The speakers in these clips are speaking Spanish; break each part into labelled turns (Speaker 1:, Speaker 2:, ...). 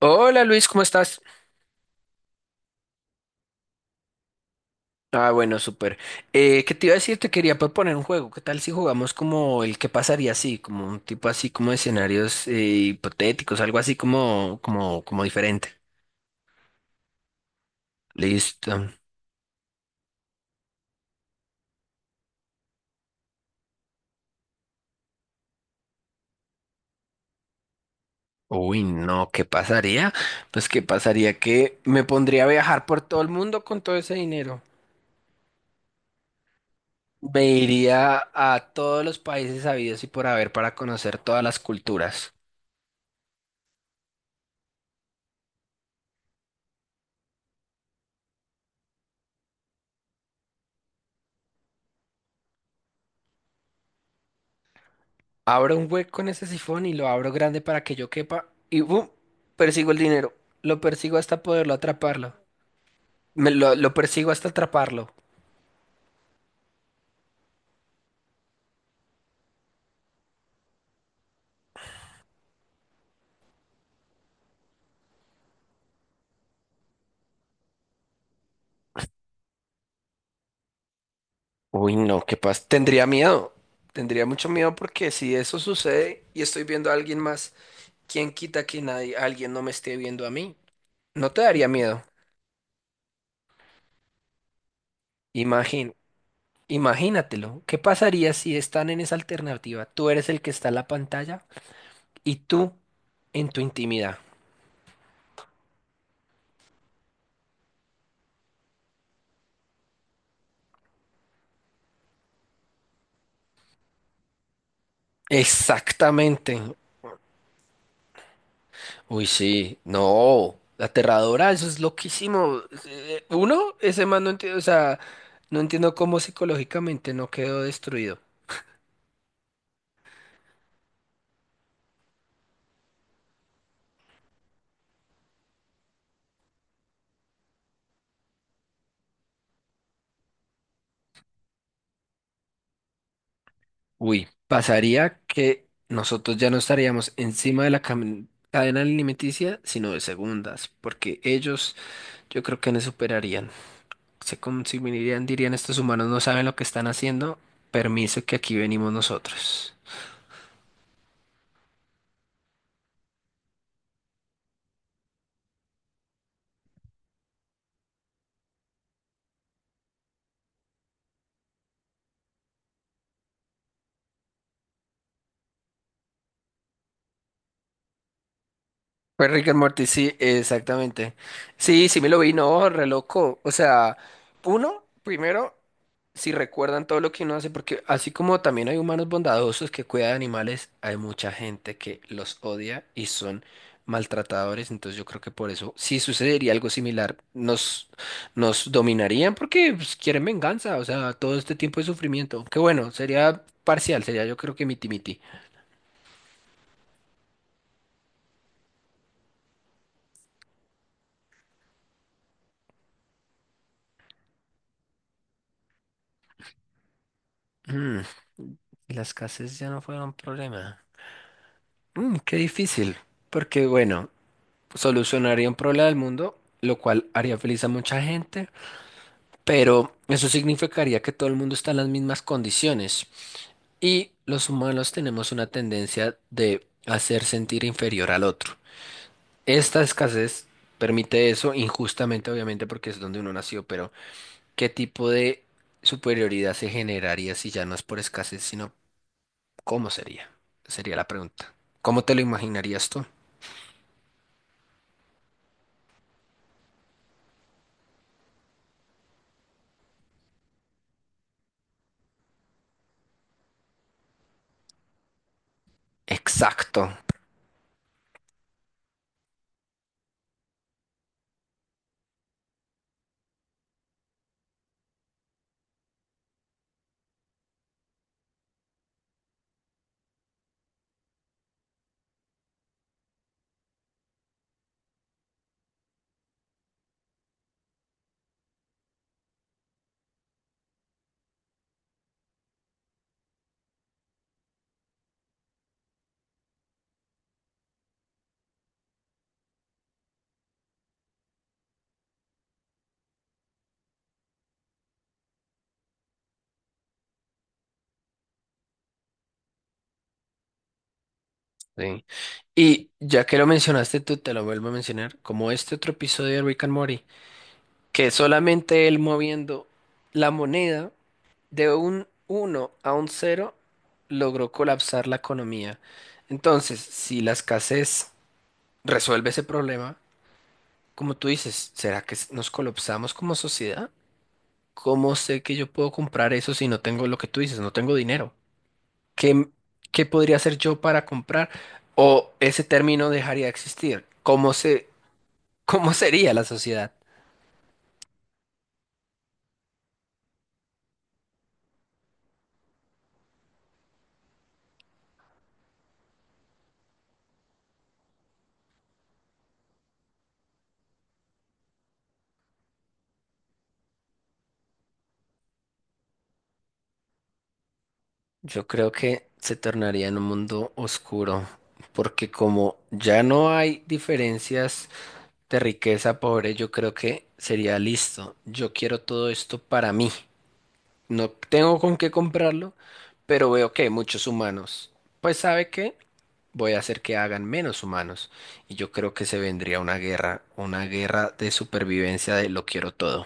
Speaker 1: Hola Luis, ¿cómo estás? Ah, bueno, súper. ¿Qué te iba a decir? Te quería proponer un juego. ¿Qué tal si jugamos como el que pasaría así? Como un tipo así como de escenarios hipotéticos, algo así como diferente. Listo. Uy, no, ¿qué pasaría? Pues qué pasaría que me pondría a viajar por todo el mundo con todo ese dinero. Me iría a todos los países habidos y por haber para conocer todas las culturas. Abro un hueco en ese sifón y lo abro grande para que yo quepa y ¡bum! Persigo el dinero. Lo persigo hasta poderlo atraparlo. Me lo persigo hasta atraparlo. Uy, no, qué pasa. Tendría miedo. Tendría mucho miedo porque si eso sucede y estoy viendo a alguien más, ¿quién quita que nadie, alguien no me esté viendo a mí? No te daría miedo. Imagín, imagínatelo. ¿Qué pasaría si están en esa alternativa? Tú eres el que está en la pantalla y tú en tu intimidad. Exactamente. Uy, sí, no, aterradora, eso es loquísimo. Uno, ese man no entiendo, o sea, no entiendo cómo psicológicamente no quedó destruido. Uy, pasaría que nosotros ya no estaríamos encima de la cadena alimenticia, sino de segundas, porque ellos yo creo que no superarían. Se consumirían, dirían, estos humanos no saben lo que están haciendo, permiso que aquí venimos nosotros. Fue Rick and Morty, sí, exactamente. Sí, sí me lo vi, no, re loco. O sea, uno, primero, si recuerdan todo lo que uno hace, porque así como también hay humanos bondadosos que cuidan de animales, hay mucha gente que los odia y son maltratadores. Entonces yo creo que por eso, si sucedería algo similar, nos dominarían porque pues, quieren venganza, o sea, todo este tiempo de sufrimiento. Que bueno, sería parcial, sería yo creo que miti-miti. Mm, las casas ya no fueron problema. Mm, qué difícil, porque bueno, solucionaría un problema del mundo, lo cual haría feliz a mucha gente, pero eso significaría que todo el mundo está en las mismas condiciones y los humanos tenemos una tendencia de hacer sentir inferior al otro. Esta escasez permite eso injustamente, obviamente, porque es donde uno nació, pero ¿qué tipo de superioridad se generaría si ya no es por escasez, sino cómo sería? Sería la pregunta. ¿Cómo te lo imaginarías tú? Exacto. Sí. Y ya que lo mencionaste tú, te lo vuelvo a mencionar, como este otro episodio de Rick and Morty, que solamente él moviendo la moneda de un uno a un cero logró colapsar la economía. Entonces, si la escasez resuelve ese problema, como tú dices, ¿será que nos colapsamos como sociedad? ¿Cómo sé que yo puedo comprar eso si no tengo lo que tú dices, no tengo dinero? ¿Qué, ¿qué podría hacer yo para comprar? ¿O ese término dejaría de existir? ¿Cómo sería la sociedad? Yo creo que se tornaría en un mundo oscuro, porque como ya no hay diferencias de riqueza, pobre, yo creo que sería listo. Yo quiero todo esto para mí. No tengo con qué comprarlo, pero veo que hay muchos humanos. Pues ¿sabe qué? Voy a hacer que hagan menos humanos. Y yo creo que se vendría una guerra de supervivencia de lo quiero todo.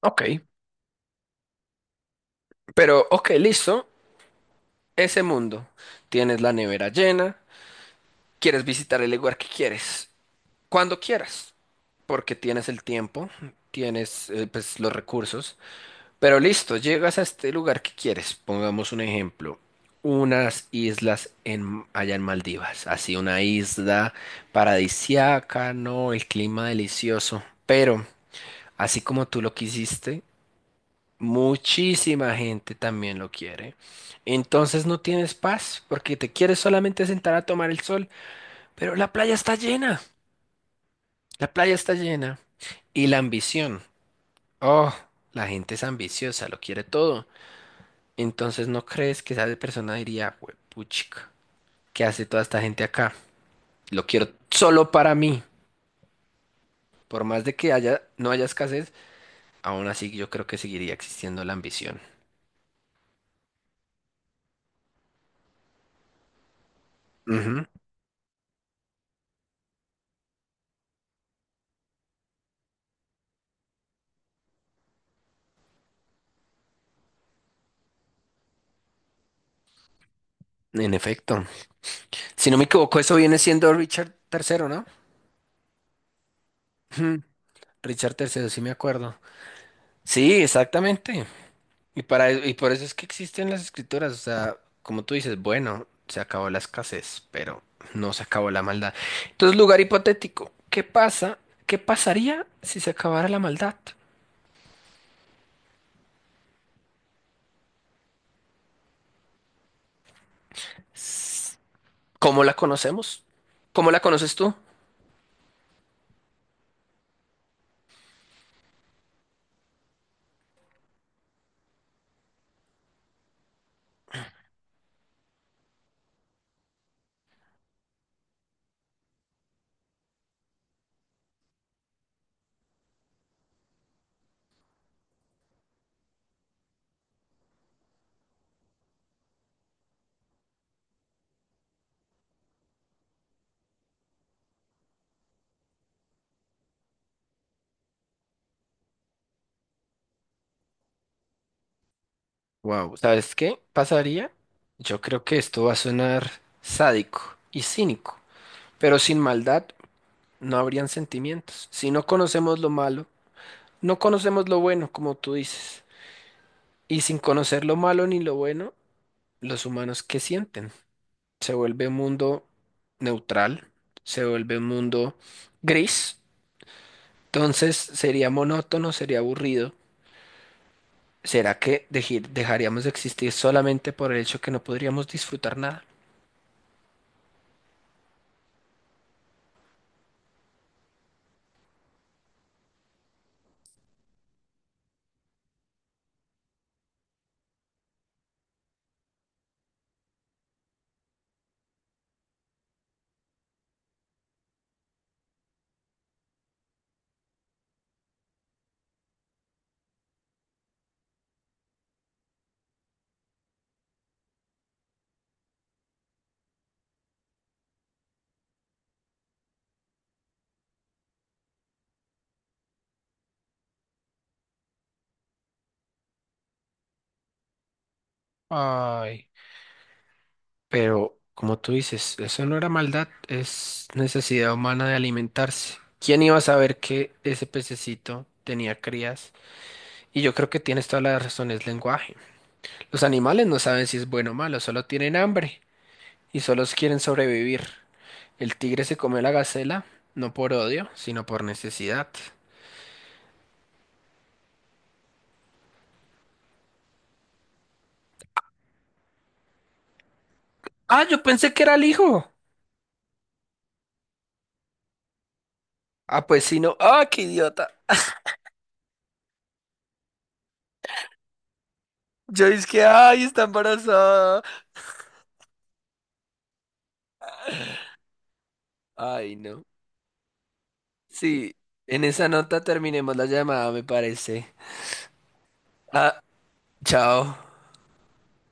Speaker 1: Ok, pero ok, listo. Ese mundo. Tienes la nevera llena, quieres visitar el lugar que quieres, cuando quieras, porque tienes el tiempo, tienes pues los recursos. Pero listo, llegas a este lugar que quieres. Pongamos un ejemplo. Unas islas en, allá en Maldivas. Así una isla paradisiaca, ¿no? El clima delicioso. Pero, así como tú lo quisiste, muchísima gente también lo quiere. Entonces no tienes paz porque te quieres solamente sentar a tomar el sol. Pero la playa está llena. La playa está llena. Y la ambición. Oh, la gente es ambiciosa, lo quiere todo. Entonces, ¿no crees que esa persona diría, puchica, ¿qué hace toda esta gente acá? Lo quiero solo para mí. Por más de que haya, no haya escasez, aún así yo creo que seguiría existiendo la ambición. Ujú, en efecto. Si no me equivoco, eso viene siendo Richard Tercero, ¿no? Ujú, Richard Tercero, sí me acuerdo. Sí, exactamente. Y y por eso es que existen las escritoras, o sea, como tú dices, bueno, se acabó la escasez, pero no se acabó la maldad. Entonces, lugar hipotético, ¿qué pasa? ¿Qué pasaría si se acabara la maldad? S- ¿Cómo la conocemos? ¿Cómo la conoces tú? Wow, ¿sabes qué pasaría? Yo creo que esto va a sonar sádico y cínico, pero sin maldad no habrían sentimientos. Si no conocemos lo malo, no conocemos lo bueno, como tú dices. Y sin conocer lo malo ni lo bueno, los humanos ¿qué sienten? Se vuelve un mundo neutral, se vuelve un mundo gris. Entonces sería monótono, sería aburrido. ¿Será que dejaríamos de existir solamente por el hecho que no podríamos disfrutar nada? Ay, pero, como tú dices, eso no era maldad, es necesidad humana de alimentarse. ¿Quién iba a saber que ese pececito tenía crías? Y yo creo que tienes toda la razón, es lenguaje. Los animales no saben si es bueno o malo, solo tienen hambre y solo quieren sobrevivir. El tigre se comió la gacela, no por odio, sino por necesidad. Ah, yo pensé que era el hijo. Ah, pues sí, no. Ah, qué idiota. Yo es que, ay, está embarazada. Ay, no. Sí, en esa nota terminemos la llamada, me parece. Ah, chao.